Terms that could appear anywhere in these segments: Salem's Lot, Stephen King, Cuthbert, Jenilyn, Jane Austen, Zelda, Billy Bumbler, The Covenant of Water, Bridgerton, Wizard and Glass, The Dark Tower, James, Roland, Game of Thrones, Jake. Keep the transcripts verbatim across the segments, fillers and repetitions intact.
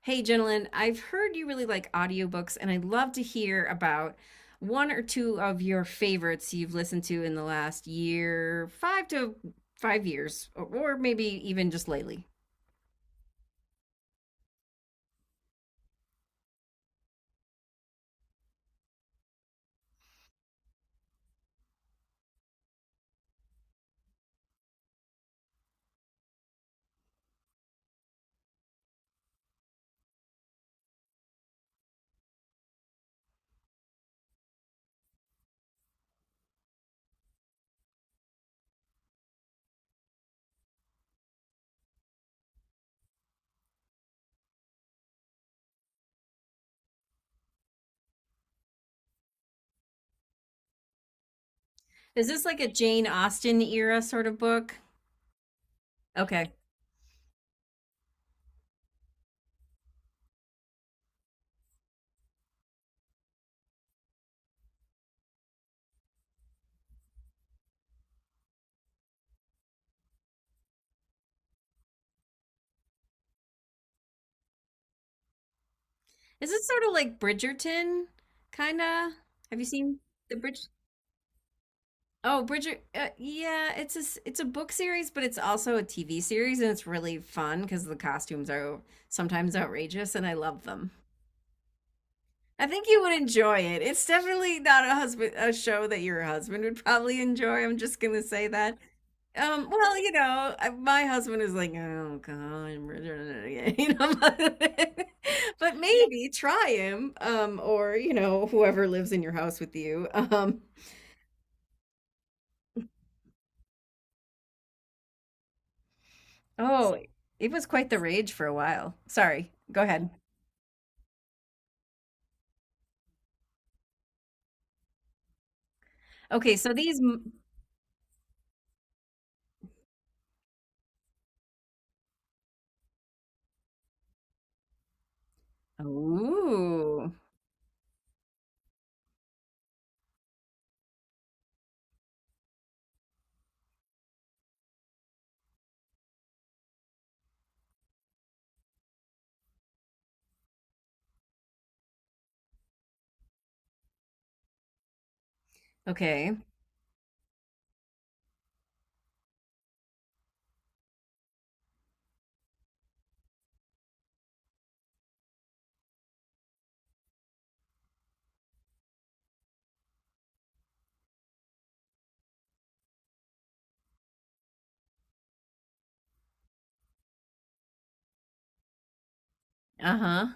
Hey, Jenilyn, I've heard you really like audiobooks, and I'd love to hear about one or two of your favorites you've listened to in the last year, five to five years, or, maybe even just lately. Is this like a Jane Austen era sort of book? Okay. Is this sort of like Bridgerton, kinda? Have you seen the Bridge? Oh, Bridger. Uh, yeah, it's a s- it's a book series, but it's also a T V series, and it's really fun because the costumes are sometimes outrageous, and I love them. I think you would enjoy it. It's definitely not a husband a show that your husband would probably enjoy. I'm just gonna say that. Um, well, you know, I- my husband is like, oh God, you know, but maybe try him, um, or you know, whoever lives in your house with you. Um, oh, it was quite the rage for a while. Sorry, go ahead. Okay, so these. m- Oh, okay. Uh-huh.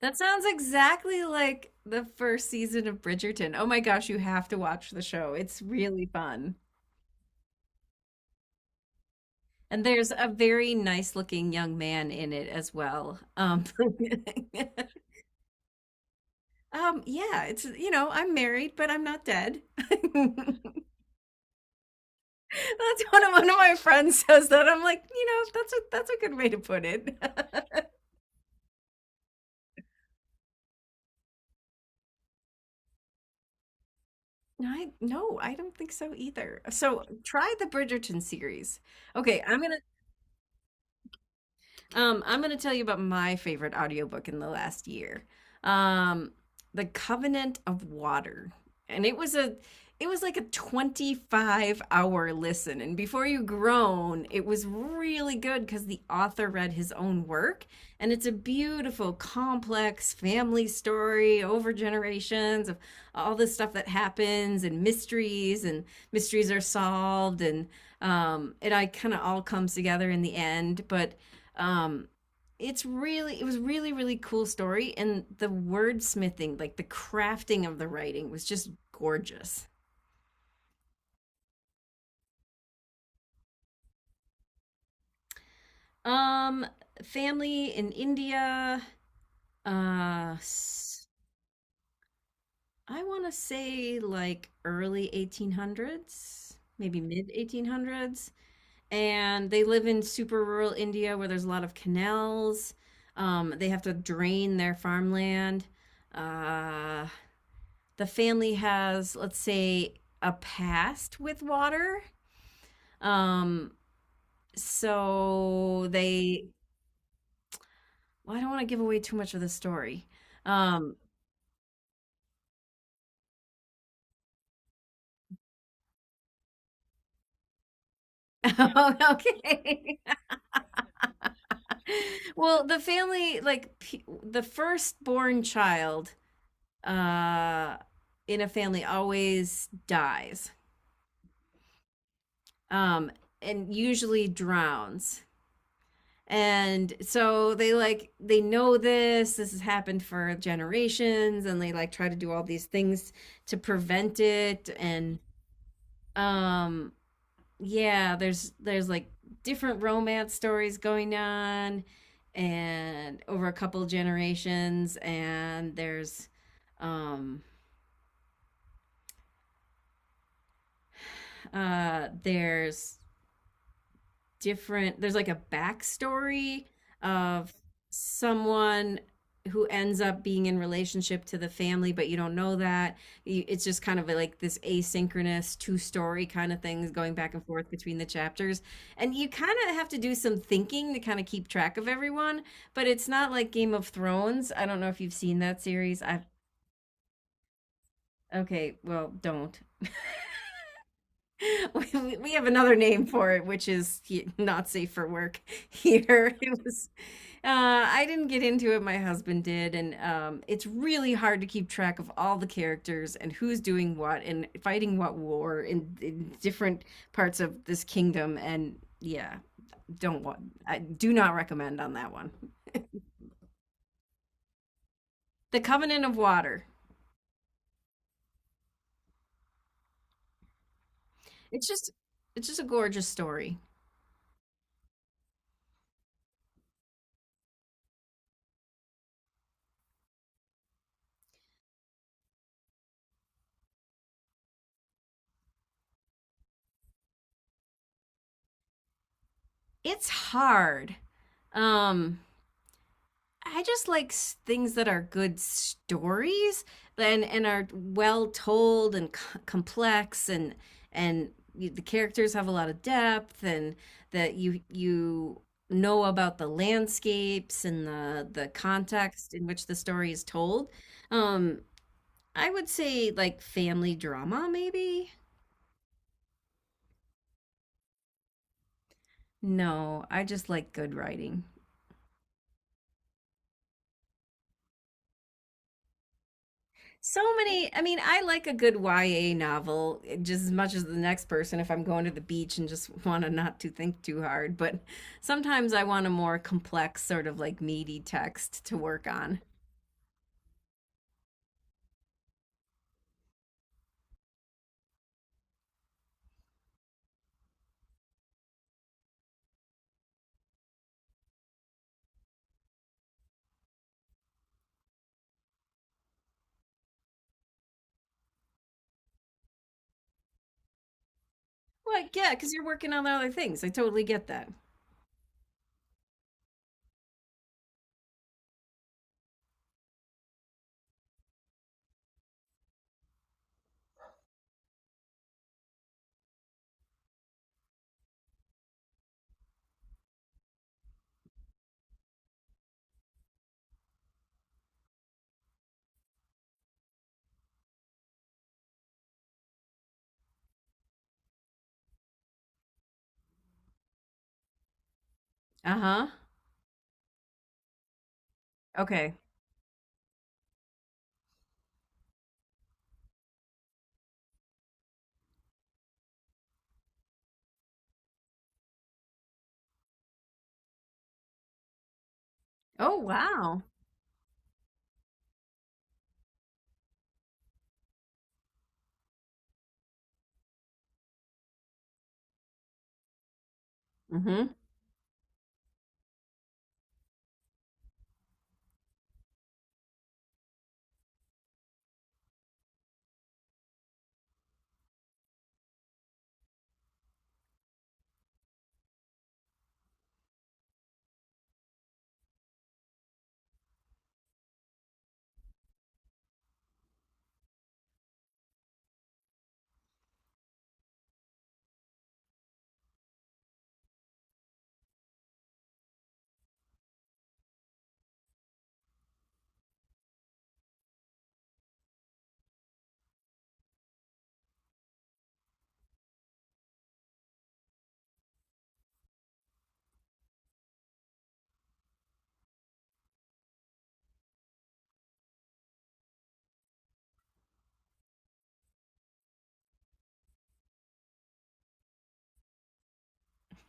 That sounds exactly like the first season of Bridgerton. Oh my gosh, you have to watch the show. It's really fun. And there's a very nice looking young man in it as well. Um, um, yeah, it's, you know, I'm married, but I'm not dead. That's one of, one of my friends says that. I'm like, you know, that's a, that's a good way to put it. I, no, I don't think so either. So try the Bridgerton series. Okay, I'm gonna Um, I'm going to tell you about my favorite audiobook in the last year. Um, The Covenant of Water. And it was a it was like a twenty-five hour listen, and before you groan, it was really good because the author read his own work. And it's a beautiful complex family story over generations of all the stuff that happens, and mysteries, and mysteries are solved. And um, it I kind of all comes together in the end. But um, it's really it was really really cool story, and the wordsmithing, like the crafting of the writing, was just gorgeous. um family in india uh s- I want to say like early eighteen hundreds, maybe mid eighteen hundreds. And they live in super rural india where there's a lot of canals. um they have to drain their farmland. uh the family has, let's say, a past with water. Um, so they, well, I don't want to give away too much of the story. Um, oh, okay. Well, the family, like p- the firstborn child uh, in a family always dies, um, and usually drowns. And so they like they know this. This has happened for generations, and they like try to do all these things to prevent it. And um, yeah, there's there's like different romance stories going on, and over a couple generations. And there's um, uh, there's different there's like a backstory of someone who ends up being in relationship to the family, but you don't know that. You- it's just kind of like this asynchronous two story kind of things going back and forth between the chapters. And you kind of have to do some thinking to kind of keep track of everyone, but it's not like game of thrones. I don't know if you've seen that series. I've okay, well, don't we, we- have another name for it, which is he- not safe for work here. It was, uh, I didn't get into it, my husband did, and um, it's really hard to keep track of all the characters and who's doing what and fighting what war in, in different parts of this kingdom. And yeah, don't want, I do not recommend on that one. The Covenant of Water. It's just, it's just a gorgeous story. It's hard. Um, I just like things that are good stories, and and are well told and c- complex, and and the characters have a lot of depth, and that you you know about the landscapes and the the context in which the story is told. Um, I would say like family drama maybe. No, I just like good writing. So many, I mean, I like a good Y A novel eh, just as much as the next person if I'm going to the beach and just want to not to think too hard, but sometimes I want a more complex sort of like meaty text to work on. Well, yeah, because you're working on other things. I totally get that. Uh-huh. Okay. Oh, wow. Mm-hmm.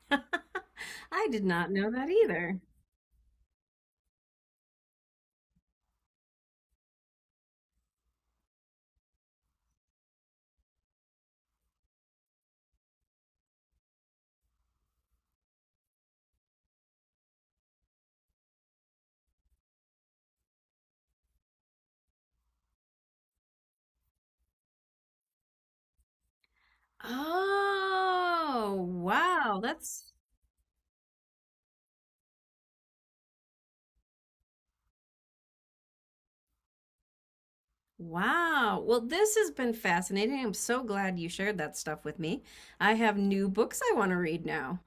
I did not know that either. Oh, wow. That's Wow. Well, this has been fascinating. I'm so glad you shared that stuff with me. I have new books I want to read now.